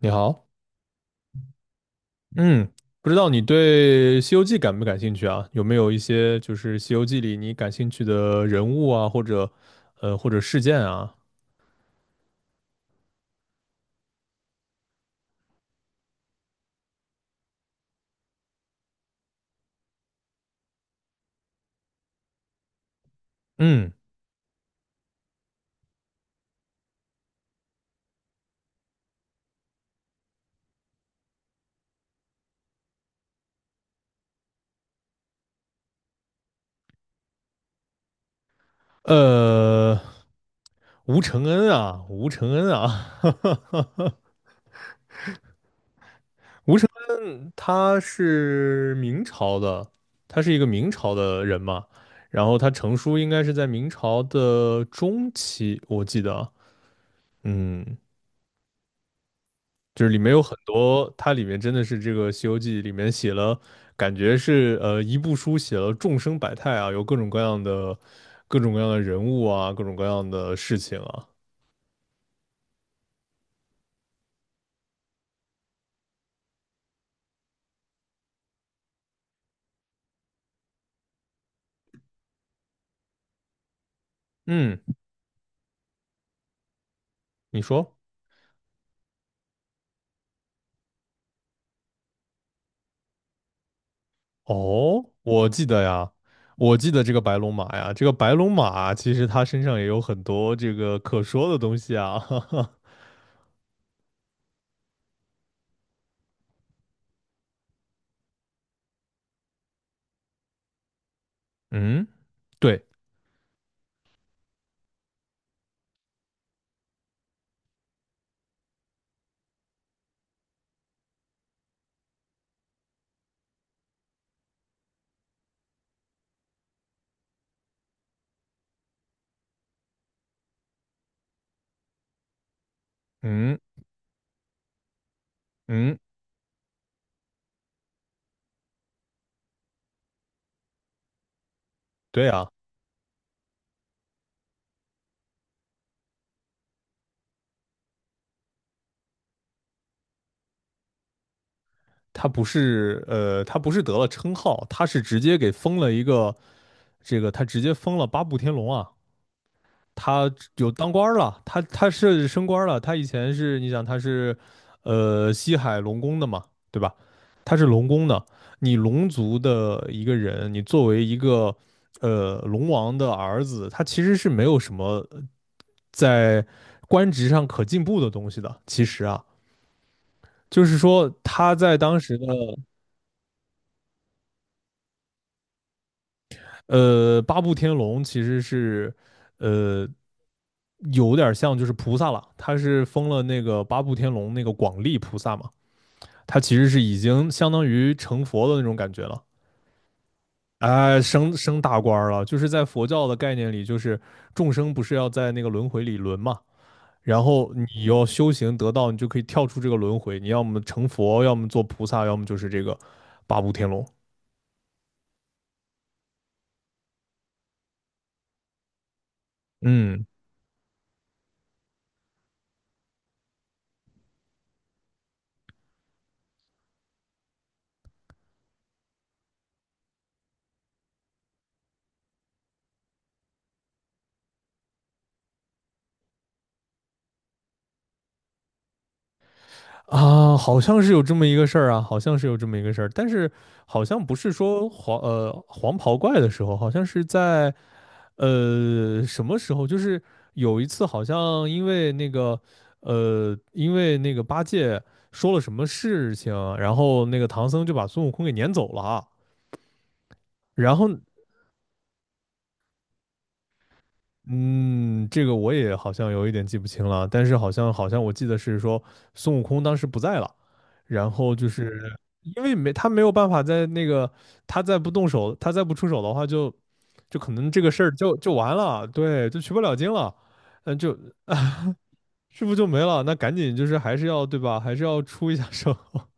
你好，嗯，不知道你对《西游记》感不感兴趣啊？有没有一些就是《西游记》里你感兴趣的人物啊，或者或者事件啊？嗯，呃，吴承恩啊，吴承恩啊，吴承恩他是明朝的，他是一个明朝的人嘛，然后他成书应该是在明朝的中期，我记得啊。嗯。就是里面有很多，它里面真的是这个《西游记》里面写了，感觉是一部书写了众生百态啊，有各种各样的人物啊，各种各样的事情啊。嗯，你说？哦，我记得呀，我记得这个白龙马呀，这个白龙马其实它身上也有很多这个可说的东西啊。哈哈。嗯，对，嗯嗯，对啊。他不是他不是得了称号，他是直接给封了一个，这个他直接封了八部天龙啊，他有当官儿了，他是升官儿了，他以前是你想他是西海龙宫的嘛，对吧？他是龙宫的，你龙族的一个人，你作为一个龙王的儿子，他其实是没有什么在官职上可进步的东西的，其实啊。就是说，他在当时的八部天龙其实是呃有点像就是菩萨了，他是封了那个八部天龙那个广利菩萨嘛，他其实是已经相当于成佛的那种感觉了。哎，升大官儿了，就是在佛教的概念里，就是众生不是要在那个轮回里轮嘛，然后你要修行得道，你就可以跳出这个轮回，你要么成佛，要么做菩萨，要么就是这个八部天龙。嗯。啊，好像是有这么一个事儿啊，好像是有这么一个事儿，但是好像不是说黄袍怪的时候，好像是在什么时候，就是有一次好像因为那个因为那个八戒说了什么事情，然后那个唐僧就把孙悟空给撵走了啊然后嗯，这个我也好像有一点记不清了，但是好像我记得是说孙悟空当时不在了，然后就是因为没他没有办法在那个他再不出手的话就，就可能这个事儿就完了，对，就取不了经了，嗯，就师傅就没了？那赶紧就是还是要对吧？还是要出一下手。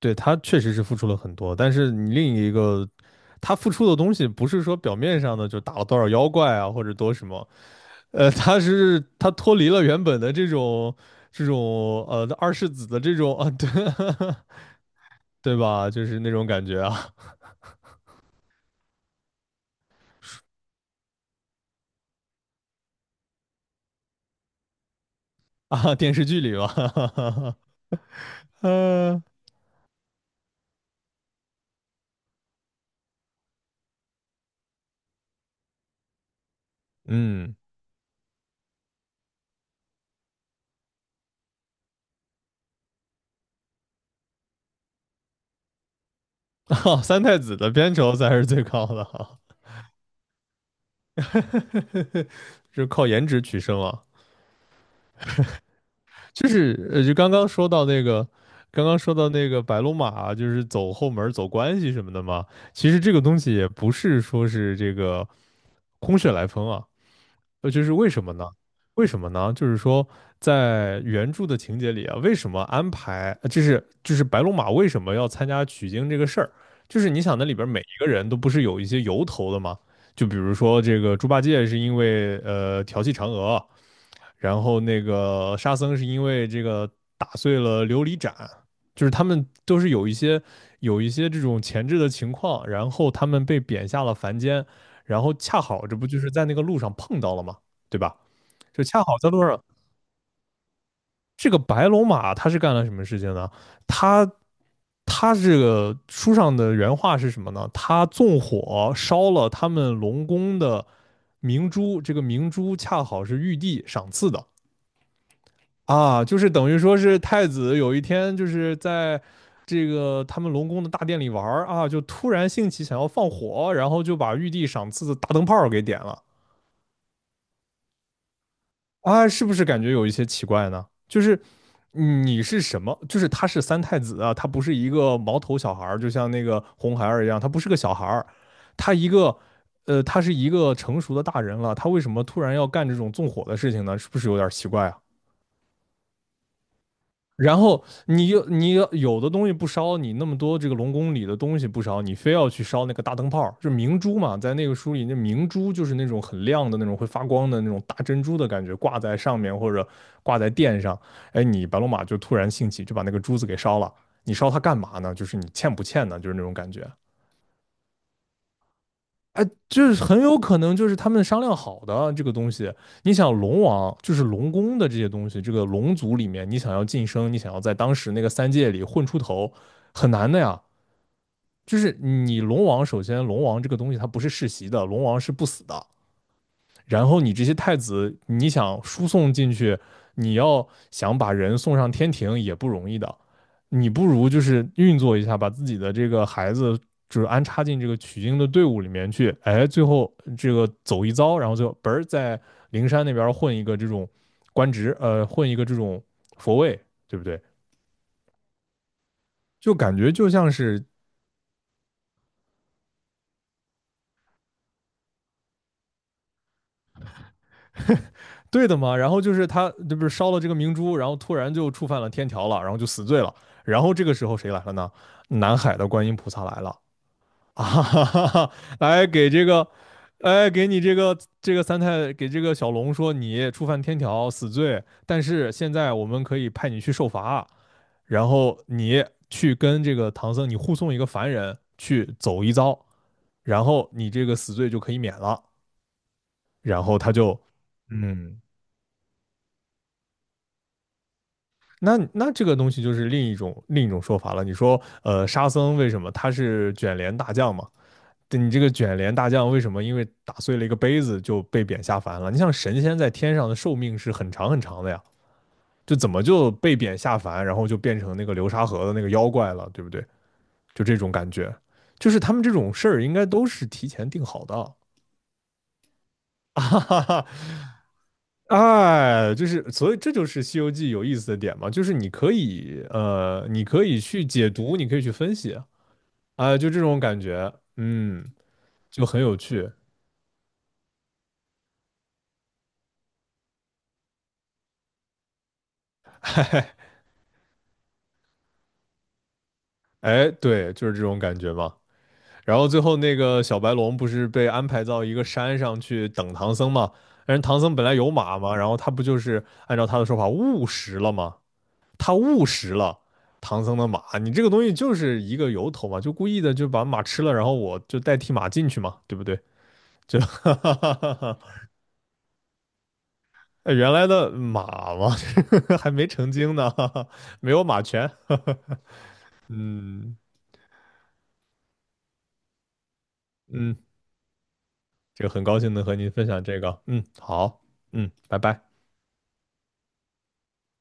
对，他确实是付出了很多，但是你另一个他付出的东西不是说表面上的就打了多少妖怪啊，或者多什么。他脱离了原本的这种这种二世子的这种啊，对 对吧？就是那种感觉啊 啊，电视剧里吧，呃嗯，哈，三太子的片酬才是最高的啊，是靠颜值取胜啊。就是就刚刚说到那个，刚刚说到那个白龙马，就是走后门儿走关系什么的嘛。其实这个东西也不是说是这个空穴来风啊，就是为什么呢？为什么呢？就是说，在原著的情节里啊，为什么安排，白龙马为什么要参加取经这个事儿？就是你想，那里边每一个人都不是有一些由头的吗？就比如说这个猪八戒是因为调戏嫦娥，然后那个沙僧是因为这个打碎了琉璃盏，就是他们都是有一些这种前置的情况，然后他们被贬下了凡间。然后恰好这不就是在那个路上碰到了吗？对吧？就恰好在路上，这个白龙马他是干了什么事情呢？他他这个书上的原话是什么呢？他纵火烧了他们龙宫的明珠，这个明珠恰好是玉帝赏赐的啊，就是等于说是太子有一天就是在。这个他们龙宫的大殿里玩啊，就突然兴起想要放火，然后就把玉帝赏赐的大灯泡给点了。啊，是不是感觉有一些奇怪呢？就是你是什么？就是他是三太子啊，他不是一个毛头小孩儿，就像那个红孩儿一样，他不是个小孩儿，他一个他是一个成熟的大人了，他为什么突然要干这种纵火的事情呢？是不是有点奇怪啊？然后你又有的东西不烧，你那么多这个龙宫里的东西不烧，你非要去烧那个大灯泡，就明珠嘛，在那个书里，那明珠就是那种很亮的那种会发光的那种大珍珠的感觉，挂在上面或者挂在殿上。哎，你白龙马就突然兴起，就把那个珠子给烧了。你烧它干嘛呢？就是你欠不欠呢？就是那种感觉。哎，就是很有可能就是他们商量好的这个东西。你想龙王就是龙宫的这些东西，这个龙族里面，你想要晋升，你想要在当时那个三界里混出头，很难的呀。就是你龙王，首先龙王这个东西它不是世袭的，龙王是不死的，然后你这些太子，你想输送进去，你要想把人送上天庭也不容易的，你不如就是运作一下，把自己的这个孩子就是安插进这个取经的队伍里面去，哎，最后这个走一遭，然后最后嘣儿在灵山那边混一个这种官职，混一个这种佛位，对不对？就感觉就像是对的嘛。然后就是他这不是烧了这个明珠，然后突然就触犯了天条了，然后就死罪了。然后这个时候谁来了呢？南海的观音菩萨来了 啊，哈哈哈，来给这个，哎，给你这个这个三太给这个小龙说你触犯天条死罪，但是现在我们可以派你去受罚，然后你去跟这个唐僧，你护送一个凡人去走一遭，然后你这个死罪就可以免了。然后他就，嗯，那那这个东西就是另一种说法了。你说，沙僧为什么他是卷帘大将嘛？对你这个卷帘大将为什么因为打碎了一个杯子就被贬下凡了？你像神仙在天上的寿命是很长很长的呀，就怎么就被贬下凡，然后就变成那个流沙河的那个妖怪了，对不对？就这种感觉，就是他们这种事儿应该都是提前定好的啊。哈哈哎，就是所以这就是《西游记》有意思的点嘛，就是你可以你可以去解读，你可以去分析啊，就这种感觉，嗯，就很有趣，哎，对，就是这种感觉嘛。然后最后那个小白龙不是被安排到一个山上去等唐僧嘛？但是唐僧本来有马嘛，然后他不就是按照他的说法误食了吗？他误食了唐僧的马，你这个东西就是一个由头嘛，就故意的就把马吃了，然后我就代替马进去嘛，对不对？就哈哈哈哈，原来的马嘛，还没成精呢，没有马权。嗯嗯，这个很高兴能和您分享这个。嗯，好，嗯，拜拜。